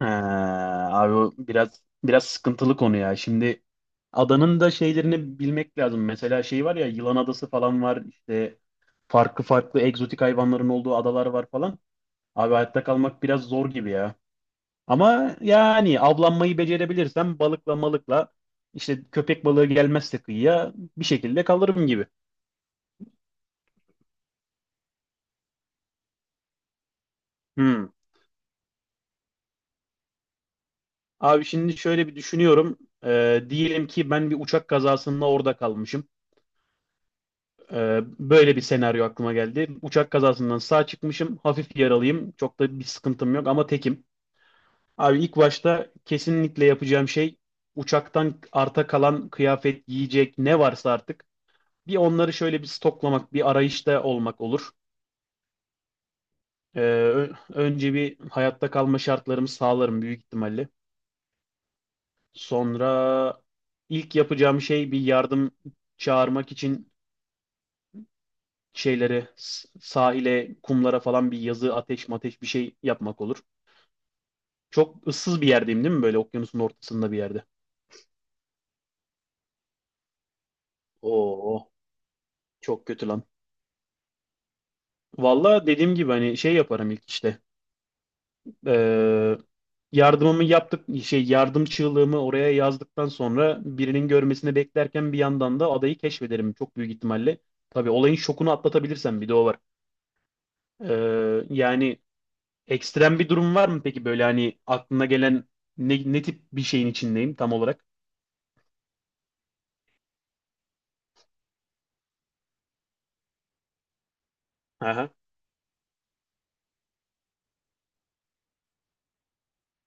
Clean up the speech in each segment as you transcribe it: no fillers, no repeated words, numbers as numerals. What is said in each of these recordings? Ee, Abi o biraz sıkıntılı konu ya. Şimdi adanın da şeylerini bilmek lazım. Mesela şey var ya, Yılan Adası falan var. İşte farklı farklı egzotik hayvanların olduğu adalar var falan. Abi hayatta kalmak biraz zor gibi ya. Ama yani avlanmayı becerebilirsem balıkla malıkla işte köpek balığı gelmezse kıyıya bir şekilde kalırım gibi. Hmm. Abi şimdi şöyle bir düşünüyorum. Diyelim ki ben bir uçak kazasında orada kalmışım. Böyle bir senaryo aklıma geldi. Uçak kazasından sağ çıkmışım. Hafif yaralıyım. Çok da bir sıkıntım yok ama tekim. Abi ilk başta kesinlikle yapacağım şey uçaktan arta kalan kıyafet, yiyecek ne varsa artık bir onları şöyle bir stoklamak, bir arayışta olmak olur. Önce bir hayatta kalma şartlarımı sağlarım büyük ihtimalle. Sonra ilk yapacağım şey bir yardım çağırmak için şeylere sahile, kumlara falan bir yazı, ateş mateş bir şey yapmak olur. Çok ıssız bir yerdeyim değil mi? Böyle okyanusun ortasında bir yerde. Oo, Çok kötü lan. Valla dediğim gibi hani şey yaparım ilk işte. Ee, Yardımımı yaptık, şey yardım çığlığımı oraya yazdıktan sonra birinin görmesini beklerken bir yandan da adayı keşfederim çok büyük ihtimalle. Tabii olayın şokunu atlatabilirsem bir de o var. Ee, yani Ekstrem bir durum var mı peki böyle hani aklına gelen ne tip bir şeyin içindeyim tam olarak? Aha.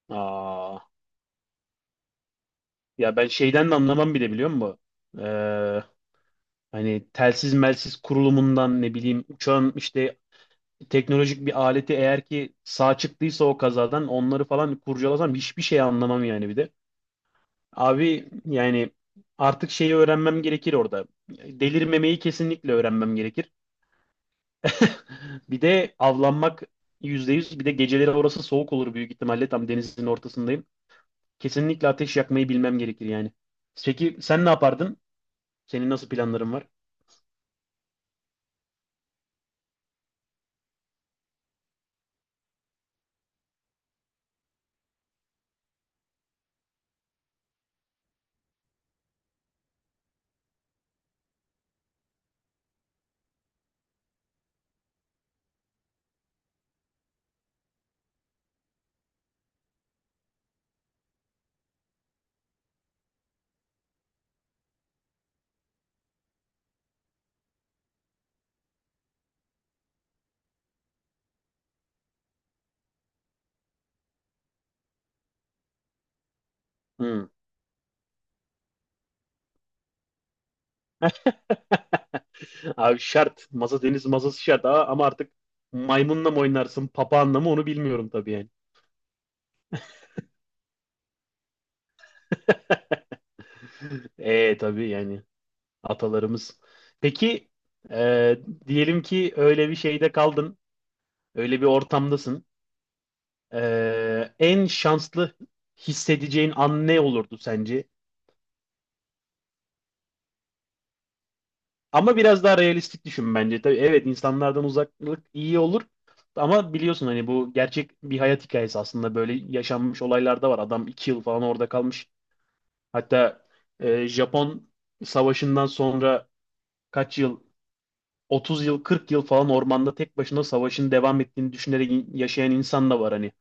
Aa, Ya ben şeyden de anlamam bile biliyor musun? Ee, Hani telsiz melsiz kurulumundan ne bileyim uçağın işte teknolojik bir aleti eğer ki sağ çıktıysa o kazadan onları falan kurcalasam hiçbir şey anlamam yani bir de. Abi yani artık şeyi öğrenmem gerekir orada. Delirmemeyi kesinlikle öğrenmem gerekir. Bir de avlanmak yüzde yüz. Bir de geceleri orası soğuk olur büyük ihtimalle. Tam denizin ortasındayım. Kesinlikle ateş yakmayı bilmem gerekir yani. Peki sen ne yapardın? Senin nasıl planların var? Hmm. Abi şart. Masa deniz masası şart. Ama artık maymunla mı oynarsın, papağanla mı onu bilmiyorum tabii yani. E tabii yani atalarımız. Peki e, diyelim ki öyle bir şeyde kaldın. Öyle bir ortamdasın. En şanslı hissedeceğin an ne olurdu sence? Ama biraz daha realistik düşün bence. Tabii evet insanlardan uzaklık iyi olur. Ama biliyorsun hani bu gerçek bir hayat hikayesi aslında böyle yaşanmış olaylar da var. Adam 2 yıl falan orada kalmış. Hatta Japon savaşından sonra kaç yıl 30 yıl 40 yıl falan ormanda tek başına savaşın devam ettiğini düşünerek yaşayan insan da var hani.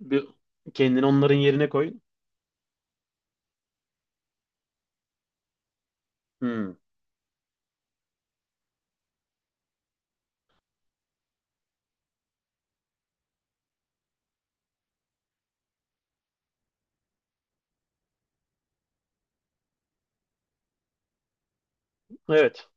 Bir, Kendini onların yerine koy. Hmm. Evet.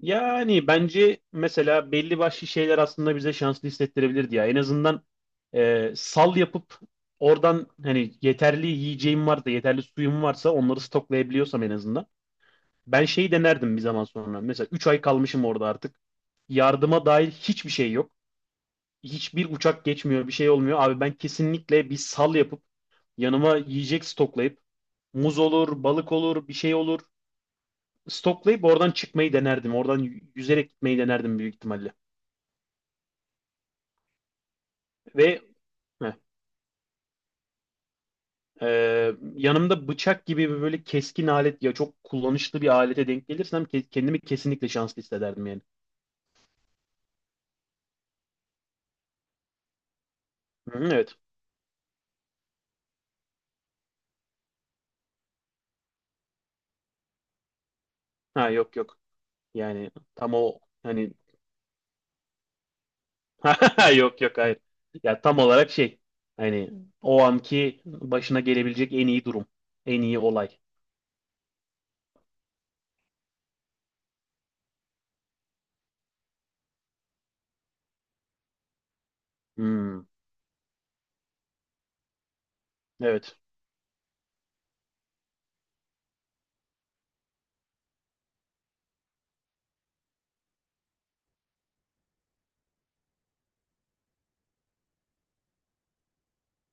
Yani bence mesela belli başlı şeyler aslında bize şanslı hissettirebilirdi ya. En azından sal yapıp oradan hani yeterli yiyeceğim varsa, yeterli suyum varsa onları stoklayabiliyorsam en azından. Ben şeyi denerdim bir zaman sonra. Mesela 3 ay kalmışım orada artık. Yardıma dair hiçbir şey yok. Hiçbir uçak geçmiyor, bir şey olmuyor. Abi ben kesinlikle bir sal yapıp yanıma yiyecek stoklayıp muz olur, balık olur, bir şey olur. Stoklayıp oradan çıkmayı denerdim. Oradan yüzerek gitmeyi denerdim büyük ihtimalle. Ve heh, e, yanımda bıçak gibi bir böyle keskin alet ya çok kullanışlı bir alete denk gelirsem kendimi kesinlikle şanslı hissederdim yani. Hı, evet. Ha, yok yok. Yani tam o hani yok yok hayır. Ya tam olarak şey hani o anki başına gelebilecek en iyi durum. En iyi olay. Hmm, evet.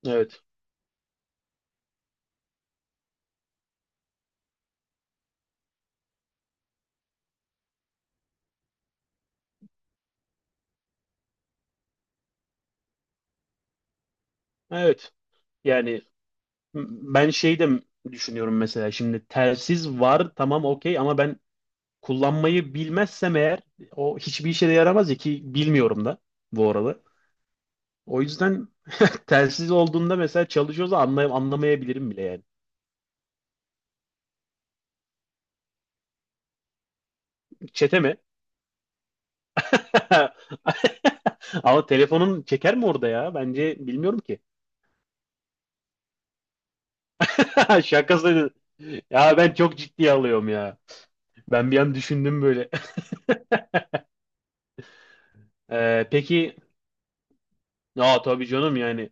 Evet. Evet. Yani m- ben şey de düşünüyorum mesela şimdi telsiz var tamam okey ama ben kullanmayı bilmezsem eğer o hiçbir işe de yaramaz ya ki bilmiyorum da bu arada. O yüzden telsiz olduğunda mesela çalışıyorsa anlamayabilirim bile yani. Çete mi? Ama telefonun çeker mi orada ya? Bence bilmiyorum ki. Şakası. Ya ben çok ciddiye alıyorum ya. Ben bir an düşündüm böyle. Peki ya tabii canım yani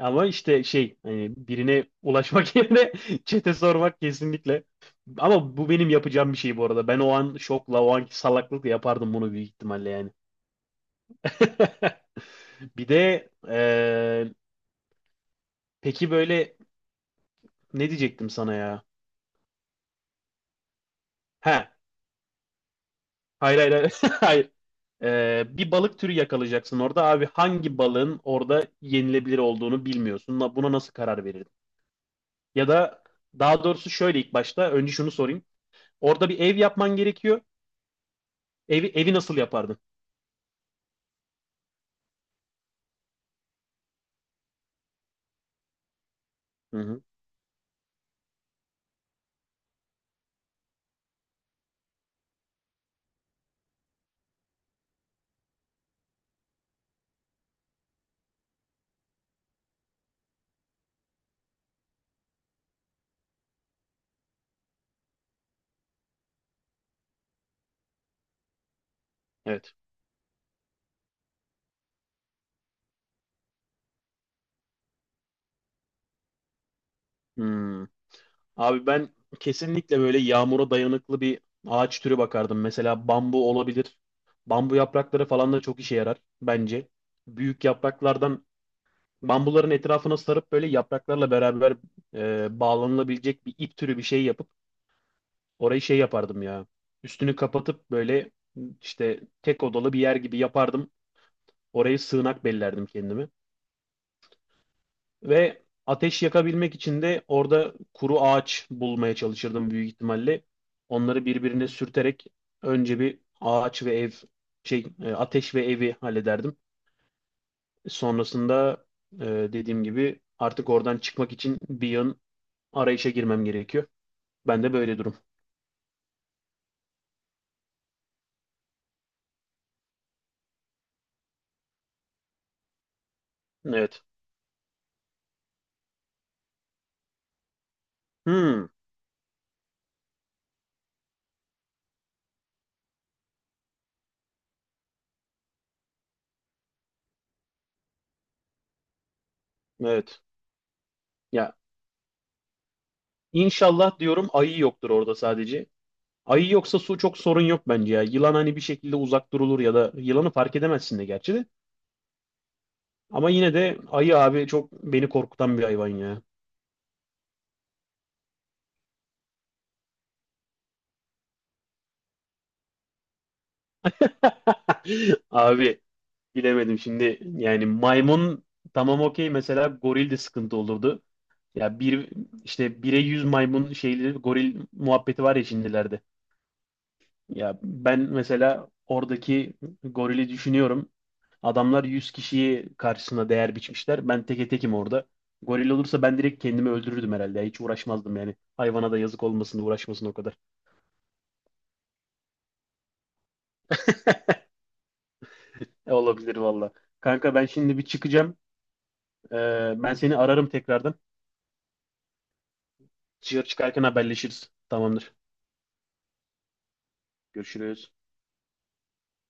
ama işte şey hani birine ulaşmak yerine çete sormak kesinlikle. Ama bu benim yapacağım bir şey bu arada. Ben o an şokla, o anki salaklıkla yapardım bunu büyük ihtimalle yani. Bir de peki böyle ne diyecektim sana ya? Ha, hayır hayır hayır. Hayır. Bir balık türü yakalayacaksın orada. Abi hangi balığın orada yenilebilir olduğunu bilmiyorsun. Buna nasıl karar verirdin? Ya da daha doğrusu şöyle ilk başta önce şunu sorayım. Orada bir ev yapman gerekiyor. Evi nasıl yapardın? Hı hı. Evet. Hmm. Abi ben kesinlikle böyle yağmura dayanıklı bir ağaç türü bakardım. Mesela bambu olabilir. Bambu yaprakları falan da çok işe yarar bence. Büyük yapraklardan bambuların etrafına sarıp böyle yapraklarla beraber bağlanılabilecek bir ip türü bir şey yapıp orayı şey yapardım ya. Üstünü kapatıp böyle işte tek odalı bir yer gibi yapardım. Orayı sığınak bellerdim kendime. Ve ateş yakabilmek için de orada kuru ağaç bulmaya çalışırdım büyük ihtimalle. Onları birbirine sürterek önce bir ağaç ve ev şey ateş ve evi hallederdim. Sonrasında e, dediğim gibi artık oradan çıkmak için bir yön arayışa girmem gerekiyor. Ben de böyle durum. Evet. Hmm, evet. Ya inşallah diyorum ayı yoktur orada sadece. Ayı yoksa su çok sorun yok bence ya. Yılan hani bir şekilde uzak durulur ya da yılanı fark edemezsin de gerçi de. Ama yine de ayı abi çok beni korkutan bir hayvan ya. Abi bilemedim şimdi yani maymun tamam okey mesela goril de sıkıntı olurdu. Ya bir işte bire yüz maymun şeyleri goril muhabbeti var ya şimdilerde. Ya ben mesela oradaki gorili düşünüyorum. Adamlar 100 kişiyi karşısına değer biçmişler. Ben teke tekim orada. Goril olursa ben direkt kendimi öldürürdüm herhalde. Hiç uğraşmazdım yani. Hayvana da yazık olmasın uğraşmasın o kadar. E, olabilir valla. Kanka ben şimdi bir çıkacağım. Ben seni ararım tekrardan. Dışarı çıkarken haberleşiriz. Tamamdır. Görüşürüz.